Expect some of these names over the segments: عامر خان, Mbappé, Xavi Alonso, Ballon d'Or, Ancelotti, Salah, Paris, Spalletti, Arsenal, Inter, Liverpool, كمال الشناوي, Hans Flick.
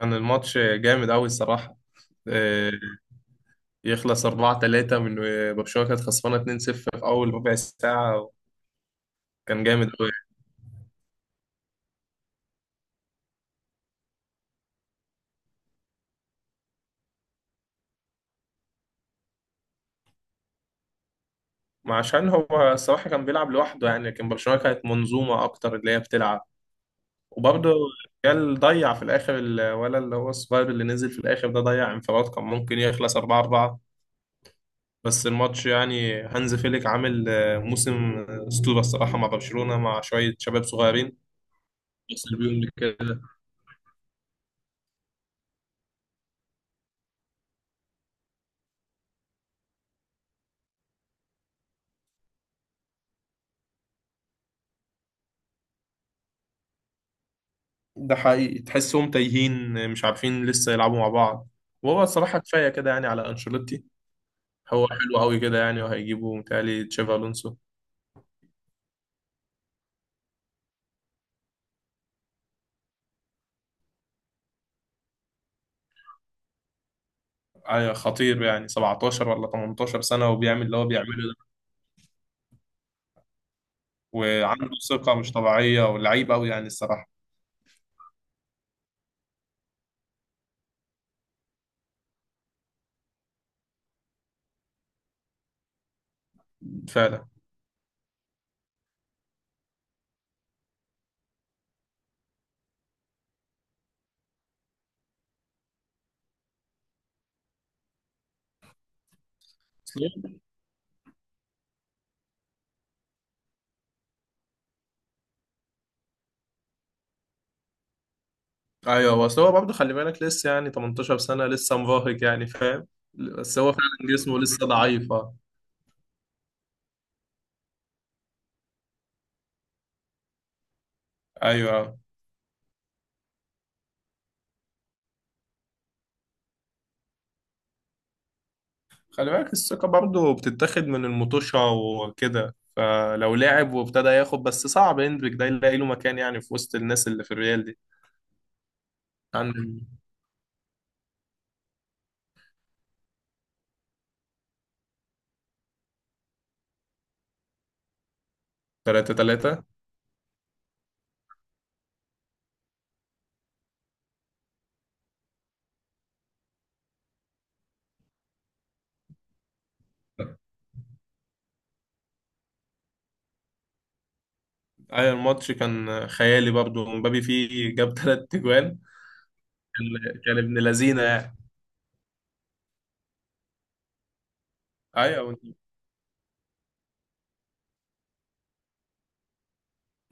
كان الماتش جامد أوي الصراحة، آه، يخلص 4-3 من برشلونة كانت خسرانة 2-0 في أول ربع ساعة. كان جامد أوي. ما عشان هو الصراحة كان بيلعب لوحده يعني، لكن برشلونة كانت منظومة أكتر اللي هي بتلعب. وبرضه ريال ضيع في الآخر، الولا اللي هو الصغير اللي نزل في الآخر ده ضيع انفراد كان ممكن يخلص 4-4. بس الماتش يعني هانز فيليك عامل موسم أسطورة الصراحة مع برشلونة مع شوية شباب صغيرين. وصل بيهم. ده حقيقي تحسهم تايهين مش عارفين لسه يلعبوا مع بعض. وهو الصراحة كفاية كده يعني على أنشيلوتي. هو حلو قوي كده يعني، وهيجيبوا متهيألي تشافي ألونسو. خطير يعني 17 ولا 18 سنة وبيعمل اللي هو بيعمله ده، وعنده ثقة مش طبيعية ولعيب قوي يعني الصراحة. فعلا. أصل هو- أيوه بس هو برضه خلي بالك لسه يعني 18 سنة لسه مراهق يعني فاهم. بس هو فعلا جسمه لسه ضعيف. أيوه. خلي بالك الثقة برضه بتتاخد من المطوشة وكده، فلو لعب وابتدى ياخد بس صعب هندريك ده يلاقي له مكان يعني في وسط الناس اللي في الريال دي. عندي 3-3. أي الماتش كان خيالي، برضه مبابي فيه جاب تلات تجوان. كان ابن لذينة يعني. أيوة.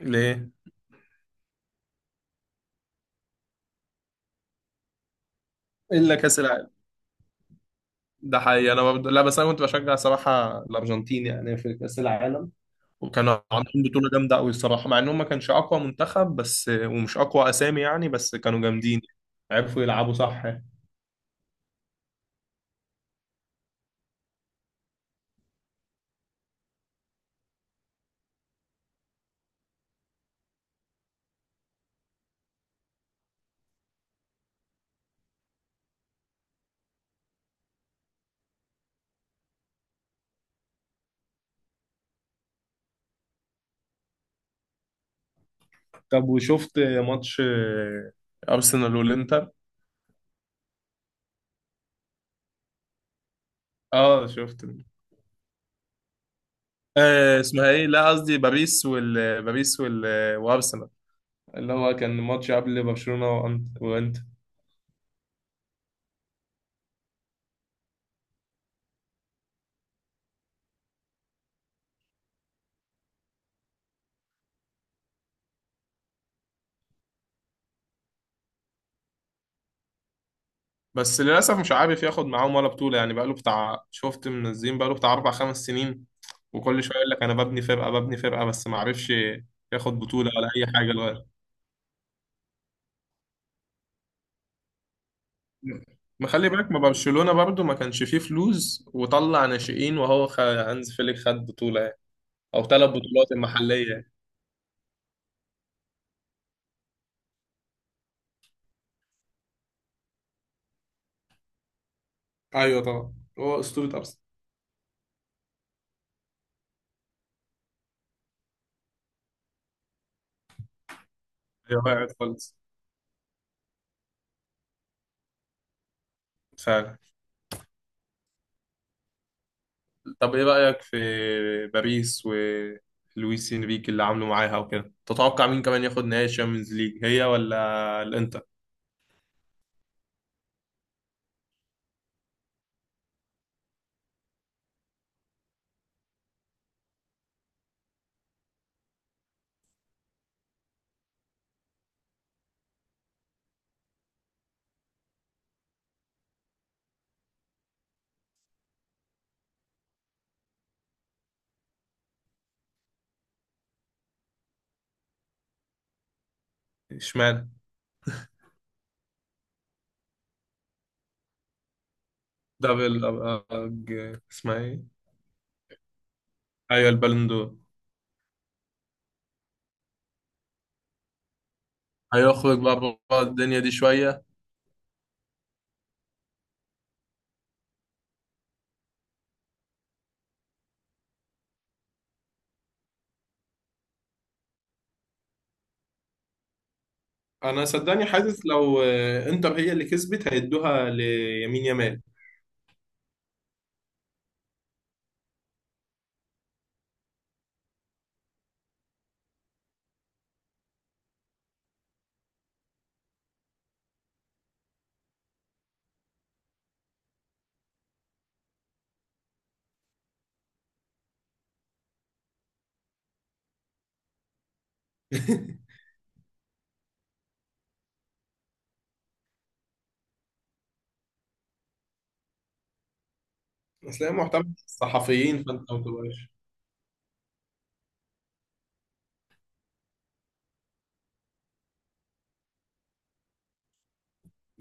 ليه؟ إلا كأس العالم. ده حقيقي أنا برضه لا، بس أنا كنت بشجع صراحة الأرجنتين يعني في كأس العالم. وكانوا عاملين بطولة جامدة قوي الصراحة، مع انهم ما كانش اقوى منتخب بس ومش اقوى اسامي يعني، بس كانوا جامدين. عرفوا يلعبوا صح يعني. طب وشفت ماتش ارسنال والانتر؟ اه شفت. اسمها ايه، لا قصدي باريس وال، باريس وال وارسنال، اللي هو كان ماتش قبل برشلونة وانتر. بس للاسف مش عارف ياخد معاهم ولا بطولة يعني، بقاله بتاع شفت منزلين، بقاله بتاع اربع خمس سنين. وكل شوية يقول لك انا ببني فرقة ببني فرقة، بس ما عرفش ياخد بطولة ولا اي حاجة لغاية. ما خلي بالك، ما برشلونة برضو ما كانش فيه فلوس وطلع ناشئين، وهو هانز فليك خد بطولة يعني. أو ثلاث بطولات المحلية يعني. ايوه طبعا. هو اسطوره ارسنال. هي وقعت خالص. فعلا. طب إيه رأيك في باريس ولويس إنريكي اللي عامله معاها وكده؟ تتوقع مين كمان ياخد نهائي الشامبيونز ليج، هي ولا الإنتر؟ اشمعنى؟ اسمها إيه؟ أيوة البالون دور. هيخرج بقى بره الدنيا دي شوية. انا صدقني حاسس لو انتر هي اللي كسبت هيدوها ليمين يامال. اصل هي معتمد الصحفيين، فانت ما بتبقاش.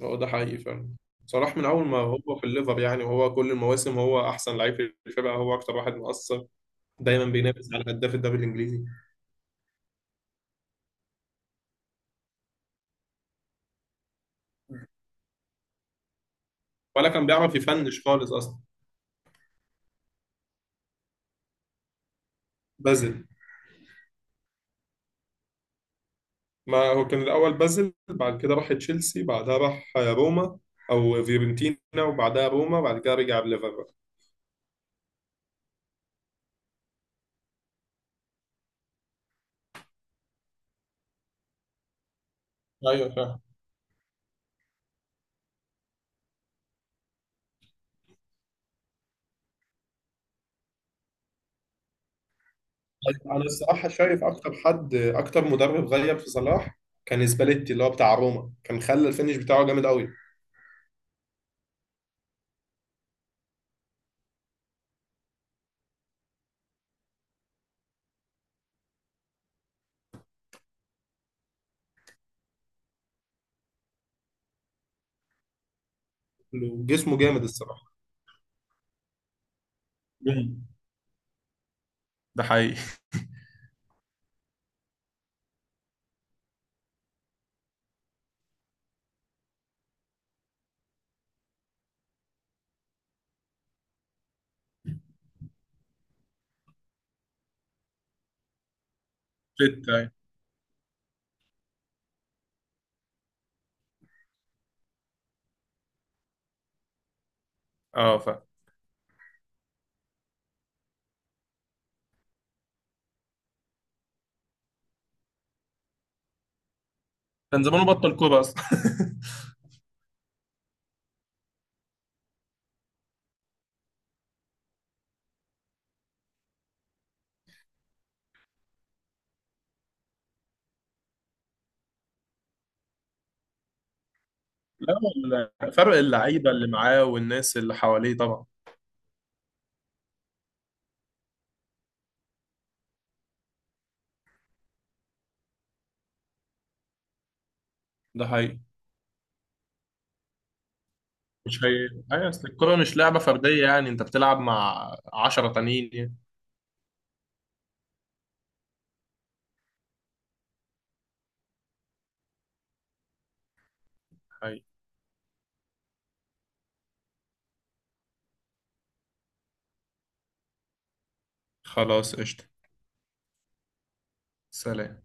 هو ده حقيقي فعلا. صلاح من اول ما هو في الليفر يعني، وهو كل المواسم هو احسن لعيب في الفرقه، هو اكتر واحد مؤثر. دايما بينافس على هداف الدوري الانجليزي. ولا كان بيعرف يفنش خالص اصلا. بازل. ما هو كان الاول بازل، بعد كده راح تشيلسي، بعدها راح روما، او فيورنتينا وبعدها روما، بعد كده رجع الليفر. ايوه فعلا. انا الصراحه شايف اكتر مدرب غير في صلاح كان سباليتي اللي هو بتاع روما، كان خلى الفينش بتاعه جامد قوي. جسمه جامد الصراحه. مم. ده حقيقي. أيوة. اه. كان زمانه بطل كوره اصلا. لا، فرق اللعيبه اللي معاه والناس اللي حواليه طبعا. ده حقيقي. مش هي هي اصل الكوره مش لعبه فرديه يعني، انت بتلعب مع 10 تانيين يعني. حقيقي. خلاص قشطه. سلام.